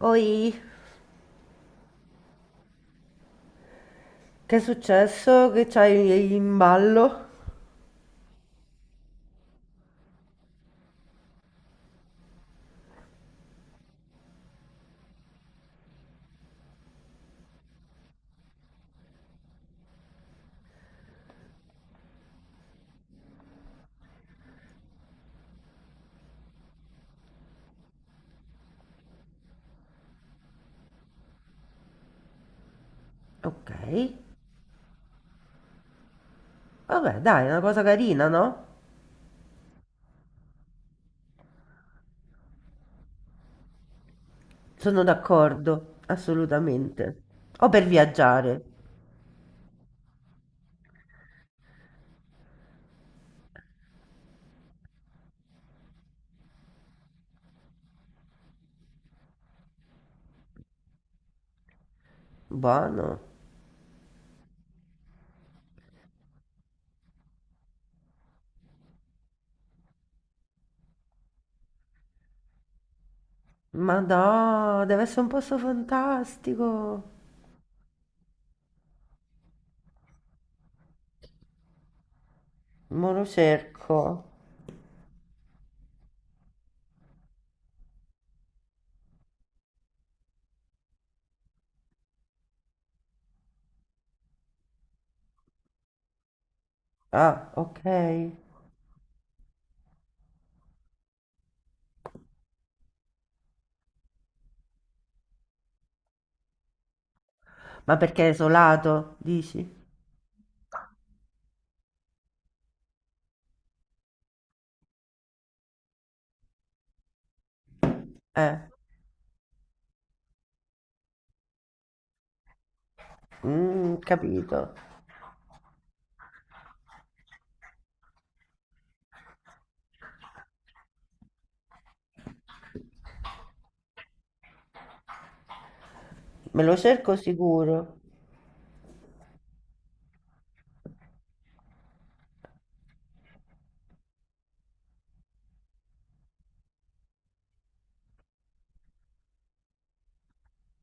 Oi, che è successo? Che c'hai in ballo? Ok, vabbè, dai, è una cosa carina, no? Sono d'accordo, assolutamente. O per viaggiare. Buono. Ma no, deve essere un posto fantastico. Mo lo cerco. Ah, ok. Ma perché è isolato, dici? Eh, mm, capito. Me lo cerco sicuro.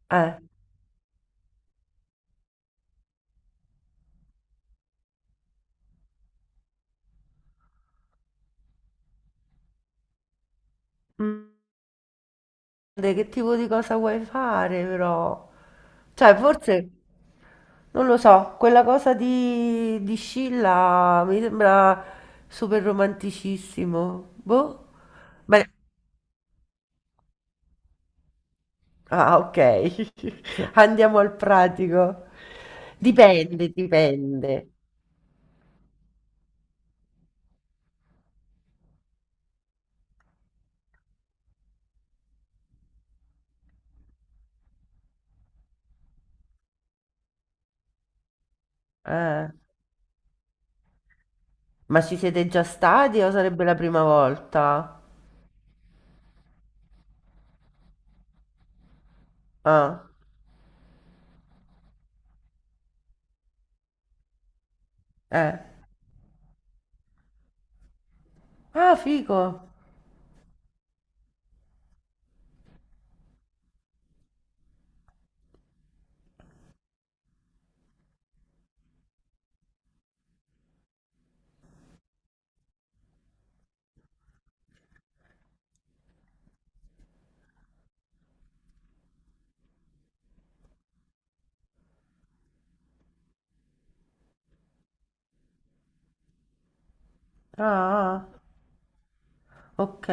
Eh. Mm. Che tipo di cosa vuoi fare però? Cioè, forse, non lo so, quella cosa di Scilla mi sembra super romanticissimo. Boh. Beh, ah, ok. Andiamo al pratico. Dipende, dipende. Eh, Ma ci siete già stati o sarebbe la prima volta? Ah, eh. Ah, figo. Ah, ah, ok.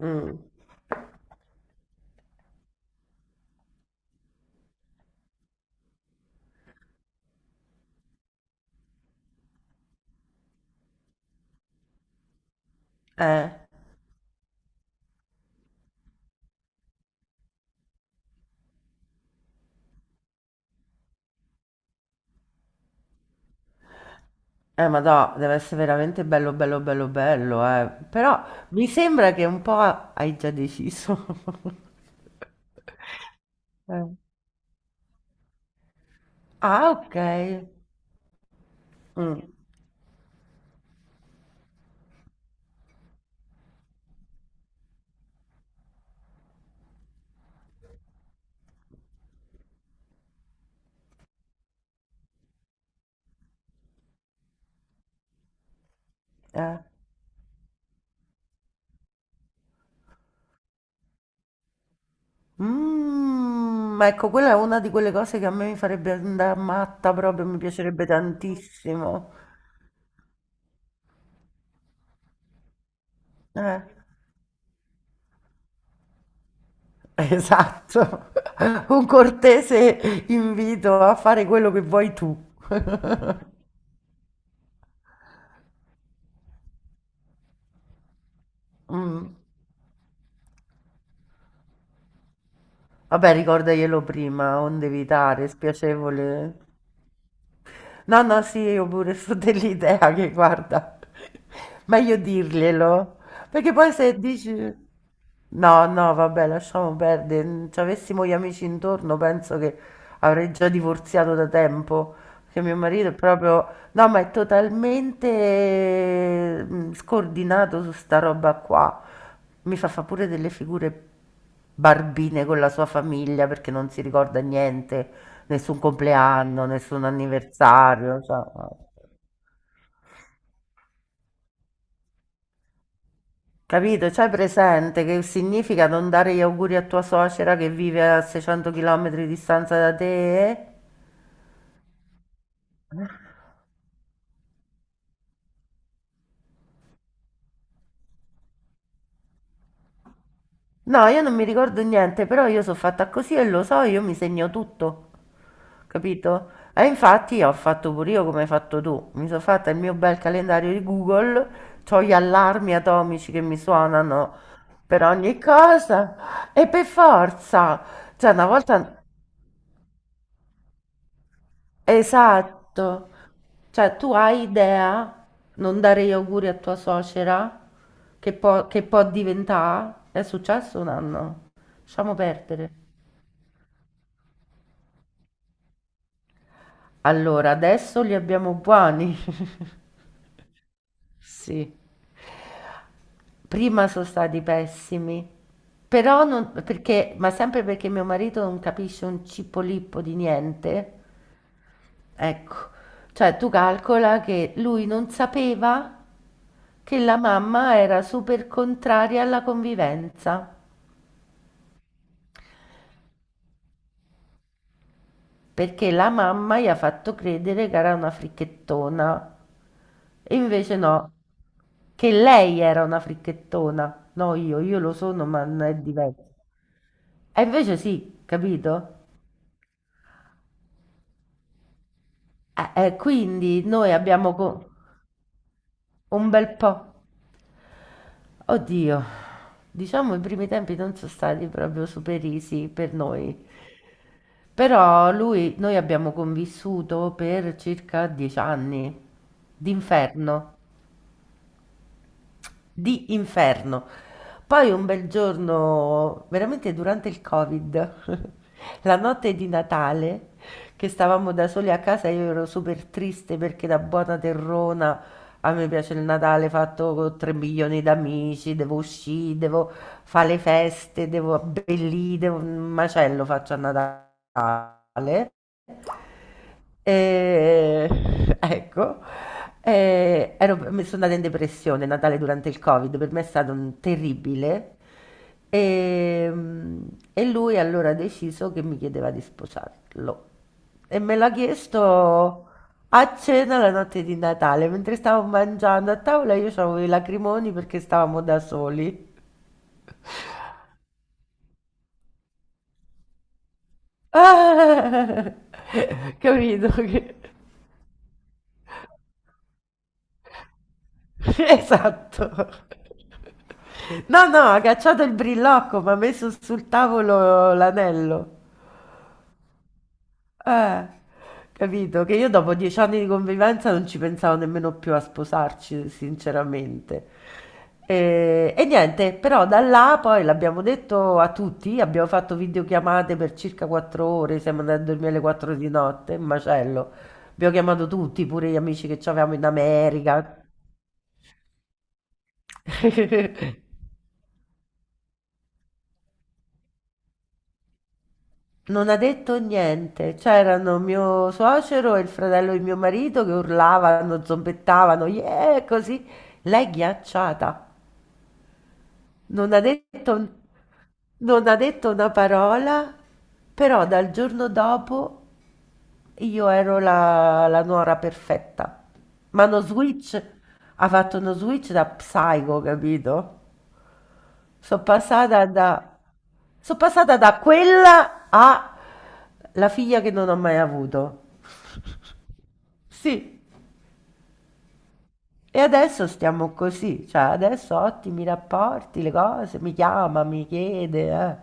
Mm, eh. Ma no, deve essere veramente bello, bello, bello, bello, eh. Però mi sembra che un po' hai già deciso. Eh. Ah, ok. Mm, eh. Mm, ma ecco, quella è una di quelle cose che a me mi farebbe andare matta proprio, mi piacerebbe tantissimo. Eh, esatto. Un cortese invito a fare quello che vuoi tu. Mm. Vabbè, ricordaglielo prima, onde evitare, spiacevole. No, no, sì, io pure sto dell'idea che guarda, meglio dirglielo, perché poi se dici no, no, vabbè, lasciamo perdere, se avessimo gli amici intorno penso che avrei già divorziato da tempo, perché mio marito è proprio, no, ma è totalmente mm, scordinato su sta roba qua, mi fa pure delle figure barbine con la sua famiglia perché non si ricorda niente nessun compleanno, nessun anniversario, cioè, capito? C'hai presente che significa non dare gli auguri a tua suocera che vive a 600 km di distanza da te? No, io non mi ricordo niente, però io sono fatta così e lo so, io mi segno tutto, capito? E infatti ho fatto pure io come hai fatto tu, mi sono fatta il mio bel calendario di Google, ho gli allarmi atomici che mi suonano per ogni cosa e per forza, cioè una volta... Esatto. Cioè, tu hai idea, non dare gli auguri a tua suocera, che può diventare? È successo un anno. Lasciamo perdere. Allora, adesso li abbiamo buoni. Sì. Prima sono stati pessimi. Però non, perché, ma sempre perché mio marito non capisce un cipolippo di niente. Ecco. Cioè, tu calcola che lui non sapeva che la mamma era super contraria alla convivenza, perché la mamma gli ha fatto credere che era una fricchettona. E invece no, che lei era una fricchettona, no io, io lo sono, ma non è diverso. E invece sì, capito? Quindi un bel po'. Oddio, diciamo i primi tempi non sono stati proprio super easy per noi. Però lui, noi abbiamo convissuto per circa 10 anni d'inferno, di inferno. Poi un bel giorno, veramente durante il Covid, la notte di Natale, che stavamo da soli a casa, io ero super triste perché da buona terrona a me piace il Natale fatto con 3 milioni d'amici, devo uscire, devo fare le feste, devo abbellire, devo... un macello faccio a Natale. Ehm, ecco, ero mi sono andata in depressione Natale durante il Covid, per me è stato un terribile. E, lui allora ha deciso che mi chiedeva di sposarlo. E me l'ha chiesto a cena la notte di Natale, mentre stavo mangiando a tavola, io avevo i lacrimoni perché stavamo da soli. Ah! Capito? Esatto. No, no, ha cacciato il brillocco, ma ha messo sul tavolo l'anello. Eh, capito? Che io dopo 10 anni di convivenza non ci pensavo nemmeno più a sposarci, sinceramente. E niente, però da là poi l'abbiamo detto a tutti, abbiamo fatto videochiamate per circa 4 ore, siamo andati a dormire alle 4 di notte, un macello. Abbiamo chiamato tutti, pure gli amici che avevamo in America. Non ha detto niente. C'erano mio suocero e il fratello di mio marito che urlavano, zombettavano, yeah, così. Lei ghiacciata. Non ha detto, non ha detto una parola, però dal giorno dopo io ero la nuora perfetta. Ma uno switch, ha fatto uno switch da psycho, capito? Sono passata da, sono passata da quella a la figlia che non ho mai avuto. Sì, e adesso stiamo così, cioè adesso ottimi rapporti, le cose, mi chiama, mi chiede, eh.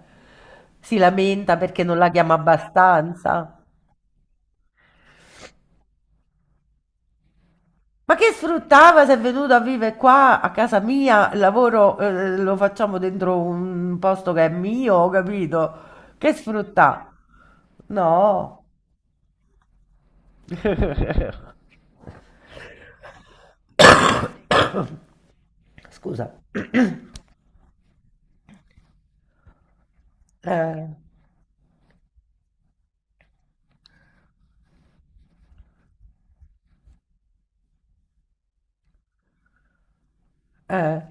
Si lamenta perché non la chiama abbastanza. Ma che sfruttava se è venuto a vivere qua a casa mia, il lavoro lo facciamo dentro un posto che è mio, ho capito? Che sfrutta? No, scusa. Eh, eh.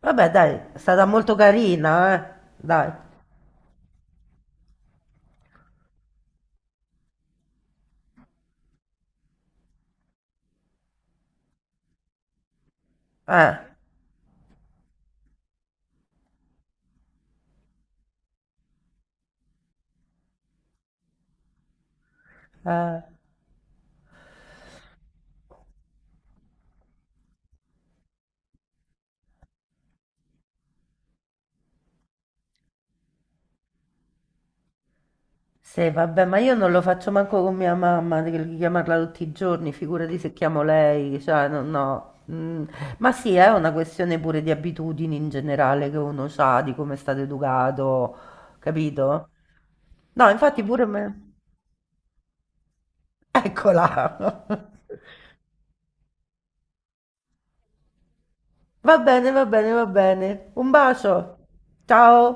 Vabbè, dai, è stata molto carina, eh. Dai. Eh, eh. Sì, vabbè, ma io non lo faccio manco con mia mamma, di chiamarla tutti i giorni, figurati se chiamo lei, cioè, no, no. Mm, ma sì, è una questione pure di abitudini in generale che uno ha, di come è stato educato, capito? No, infatti pure me. Eccola! Va bene, va bene, va bene. Un bacio. Ciao.